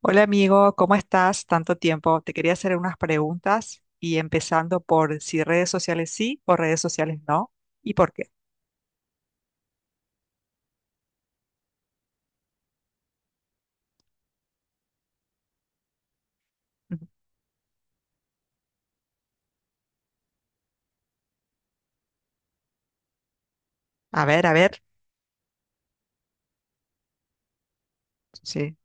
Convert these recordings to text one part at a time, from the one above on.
Hola amigo, ¿cómo estás? Tanto tiempo. Te quería hacer unas preguntas y empezando por si redes sociales sí o redes sociales no y por qué. Ujú. A ver, a ver. Sí.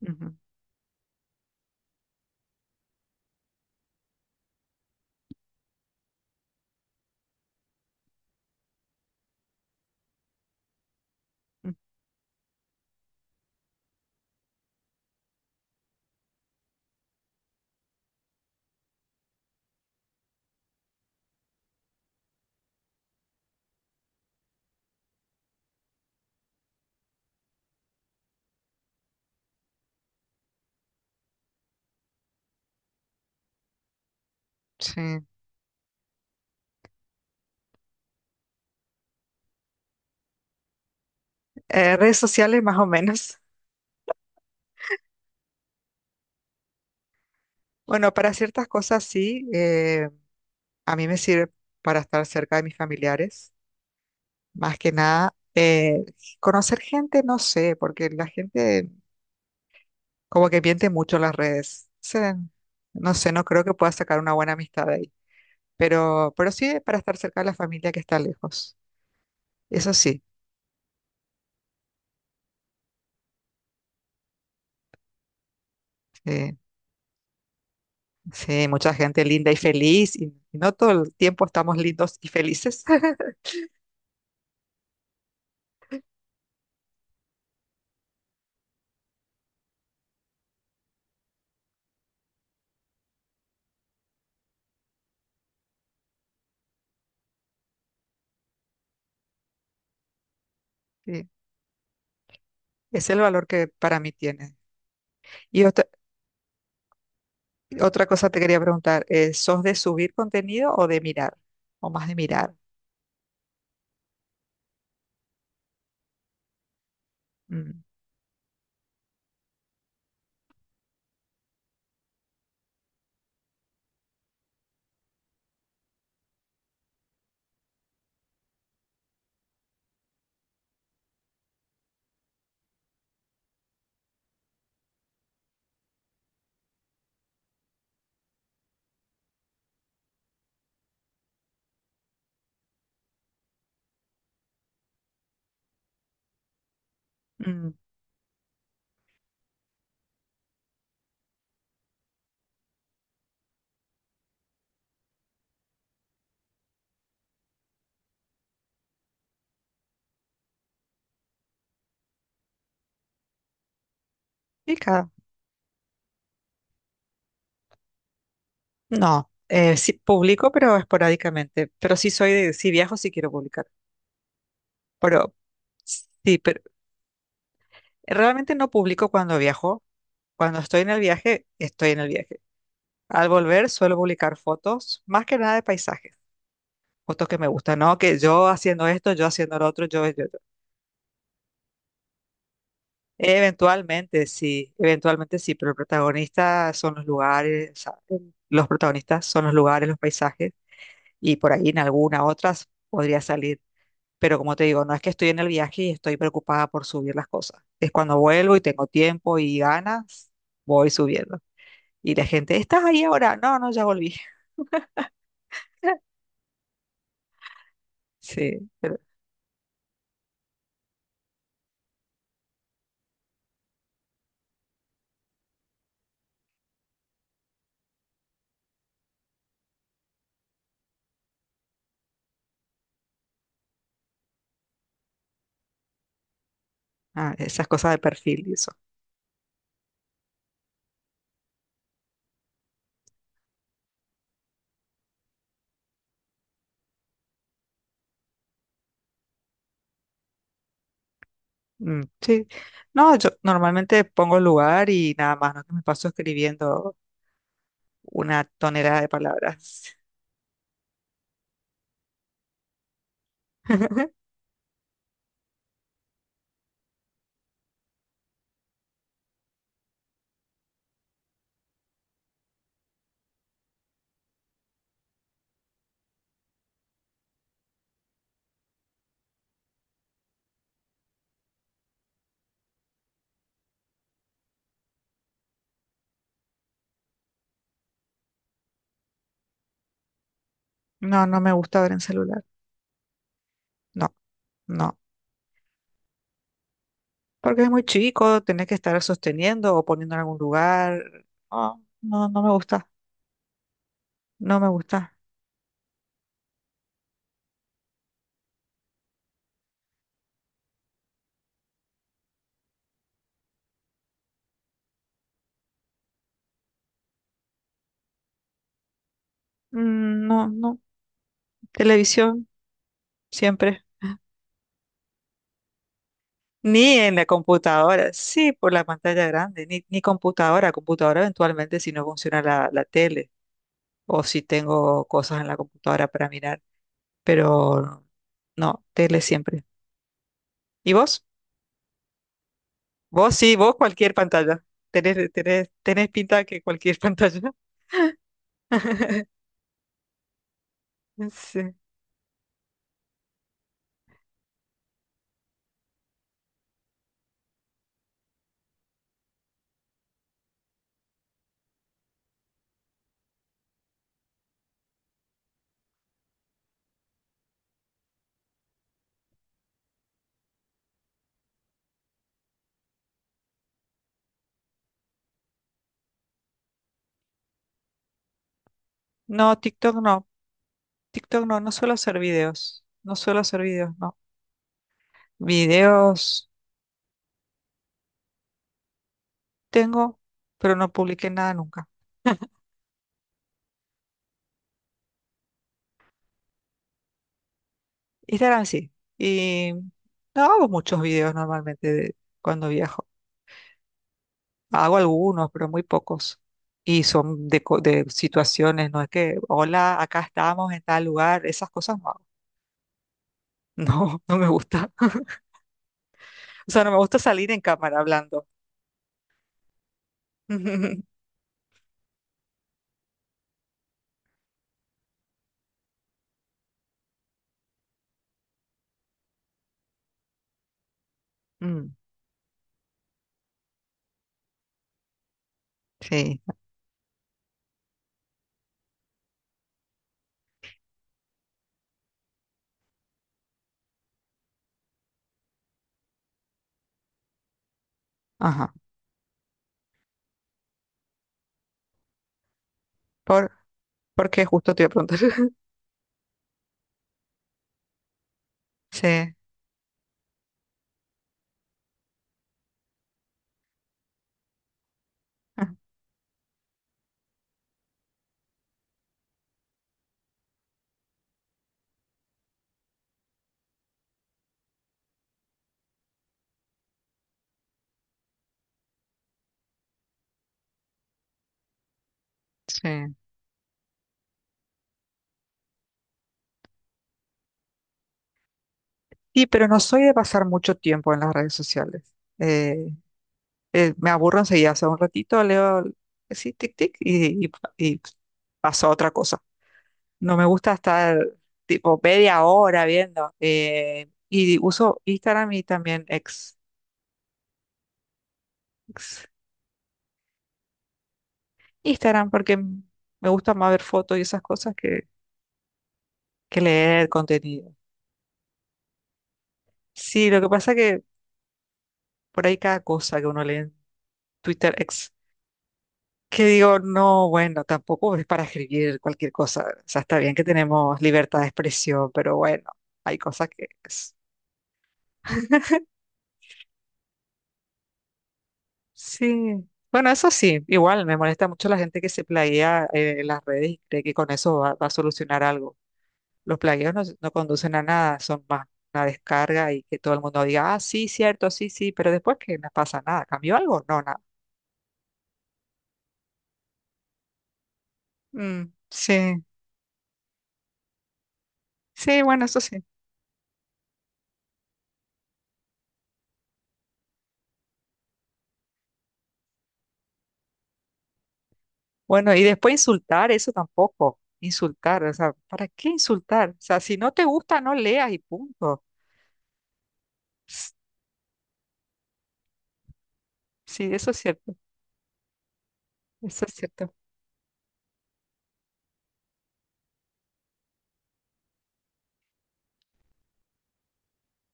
Ujú, ujú, Sí. Redes sociales más o menos. Bueno, para ciertas cosas sí. A mí me sirve para estar cerca de mis familiares. Más que nada, conocer gente, no sé, porque la gente como que miente mucho en las redes. No sé, no creo que pueda sacar una buena amistad de ahí. Pero sí para estar cerca de la familia que está lejos. Eso sí, eh, sí, mucha gente linda y feliz, y no todo el tiempo estamos lindos y felices. Sí, es el valor que para mí tiene. Y otra cosa te quería preguntar, ¿sos de subir contenido o de mirar? ¿O más de mirar? Mm, mm, pica. No, sí publico, pero esporádicamente. Pero sí soy de, si viajo, sí quiero publicar. Pero sí, pero realmente no publico cuando viajo. Cuando estoy en el viaje, estoy en el viaje. Al volver suelo publicar fotos, más que nada de paisajes, fotos que me gustan, ¿no? Que yo haciendo esto, yo haciendo lo otro, yo, yo, yo. Eventualmente sí, pero el protagonista son los lugares, o sea, los protagonistas son los lugares, los paisajes, y por ahí en alguna otras podría salir. Pero como te digo, no es que estoy en el viaje y estoy preocupada por subir las cosas. Es cuando vuelvo y tengo tiempo y ganas, voy subiendo. Y la gente, ¿estás ahí ahora? No, no, ya volví. Sí, pero ah, esas cosas de perfil y eso. Mm, sí. No, yo normalmente pongo el lugar y nada más, no que me paso escribiendo una tonelada de palabras. No, no me gusta ver en celular. No, no. Porque es muy chico, tenés que estar sosteniendo o poniendo en algún lugar. No, no, no me gusta. No me gusta. Mm, no, no. Televisión, siempre. Ni en la computadora, sí, por la pantalla grande, ni computadora, computadora eventualmente si no funciona la tele o si tengo cosas en la computadora para mirar, pero no, tele siempre. ¿Y vos? Vos sí, vos cualquier pantalla. Tenés pinta que cualquier pantalla. Sí. No, TikTok no, TikTok no, no suelo hacer videos, no suelo hacer videos, no. Videos tengo, pero no publiqué nada nunca. Instagram sí. Y no hago muchos videos normalmente de cuando viajo. Hago algunos, pero muy pocos. Y son de, de situaciones, no es que, hola, acá estamos en tal lugar, esas cosas no hago. No, no me gusta. O sea, no me gusta salir en cámara hablando. Mm, sí, ajá. Por, porque justo te iba a preguntar. Sí, ah, sí. Sí, pero no soy de pasar mucho tiempo en las redes sociales. Eh, me aburro enseguida, hace un ratito leo así, tic, tic, y pasó a otra cosa. No me gusta estar tipo media hora viendo. Y uso Instagram y también ex, ex Instagram porque me gusta más ver fotos y esas cosas que leer contenido. Sí, lo que pasa que por ahí cada cosa que uno lee en Twitter ex que digo, no, bueno, tampoco es para escribir cualquier cosa. O sea, está bien que tenemos libertad de expresión, pero bueno, hay cosas que es- Sí. Bueno, eso sí, igual me molesta mucho la gente que se plaguea en las redes y cree que con eso va, va a solucionar algo. Los plagueos no, no conducen a nada, son más una descarga y que todo el mundo diga, ah, sí, cierto, sí, sí, pero después que no pasa nada, ¿cambió algo? No, nada. Mm, sí, sí, bueno, eso sí. Bueno, y después insultar, eso tampoco. Insultar, o sea, ¿para qué insultar? O sea, si no te gusta, no leas y punto. Ps, sí, eso es cierto, eso es cierto.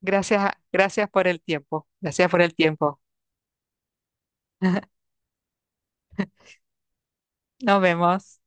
Gracias, gracias por el tiempo, gracias por el tiempo. Nos vemos.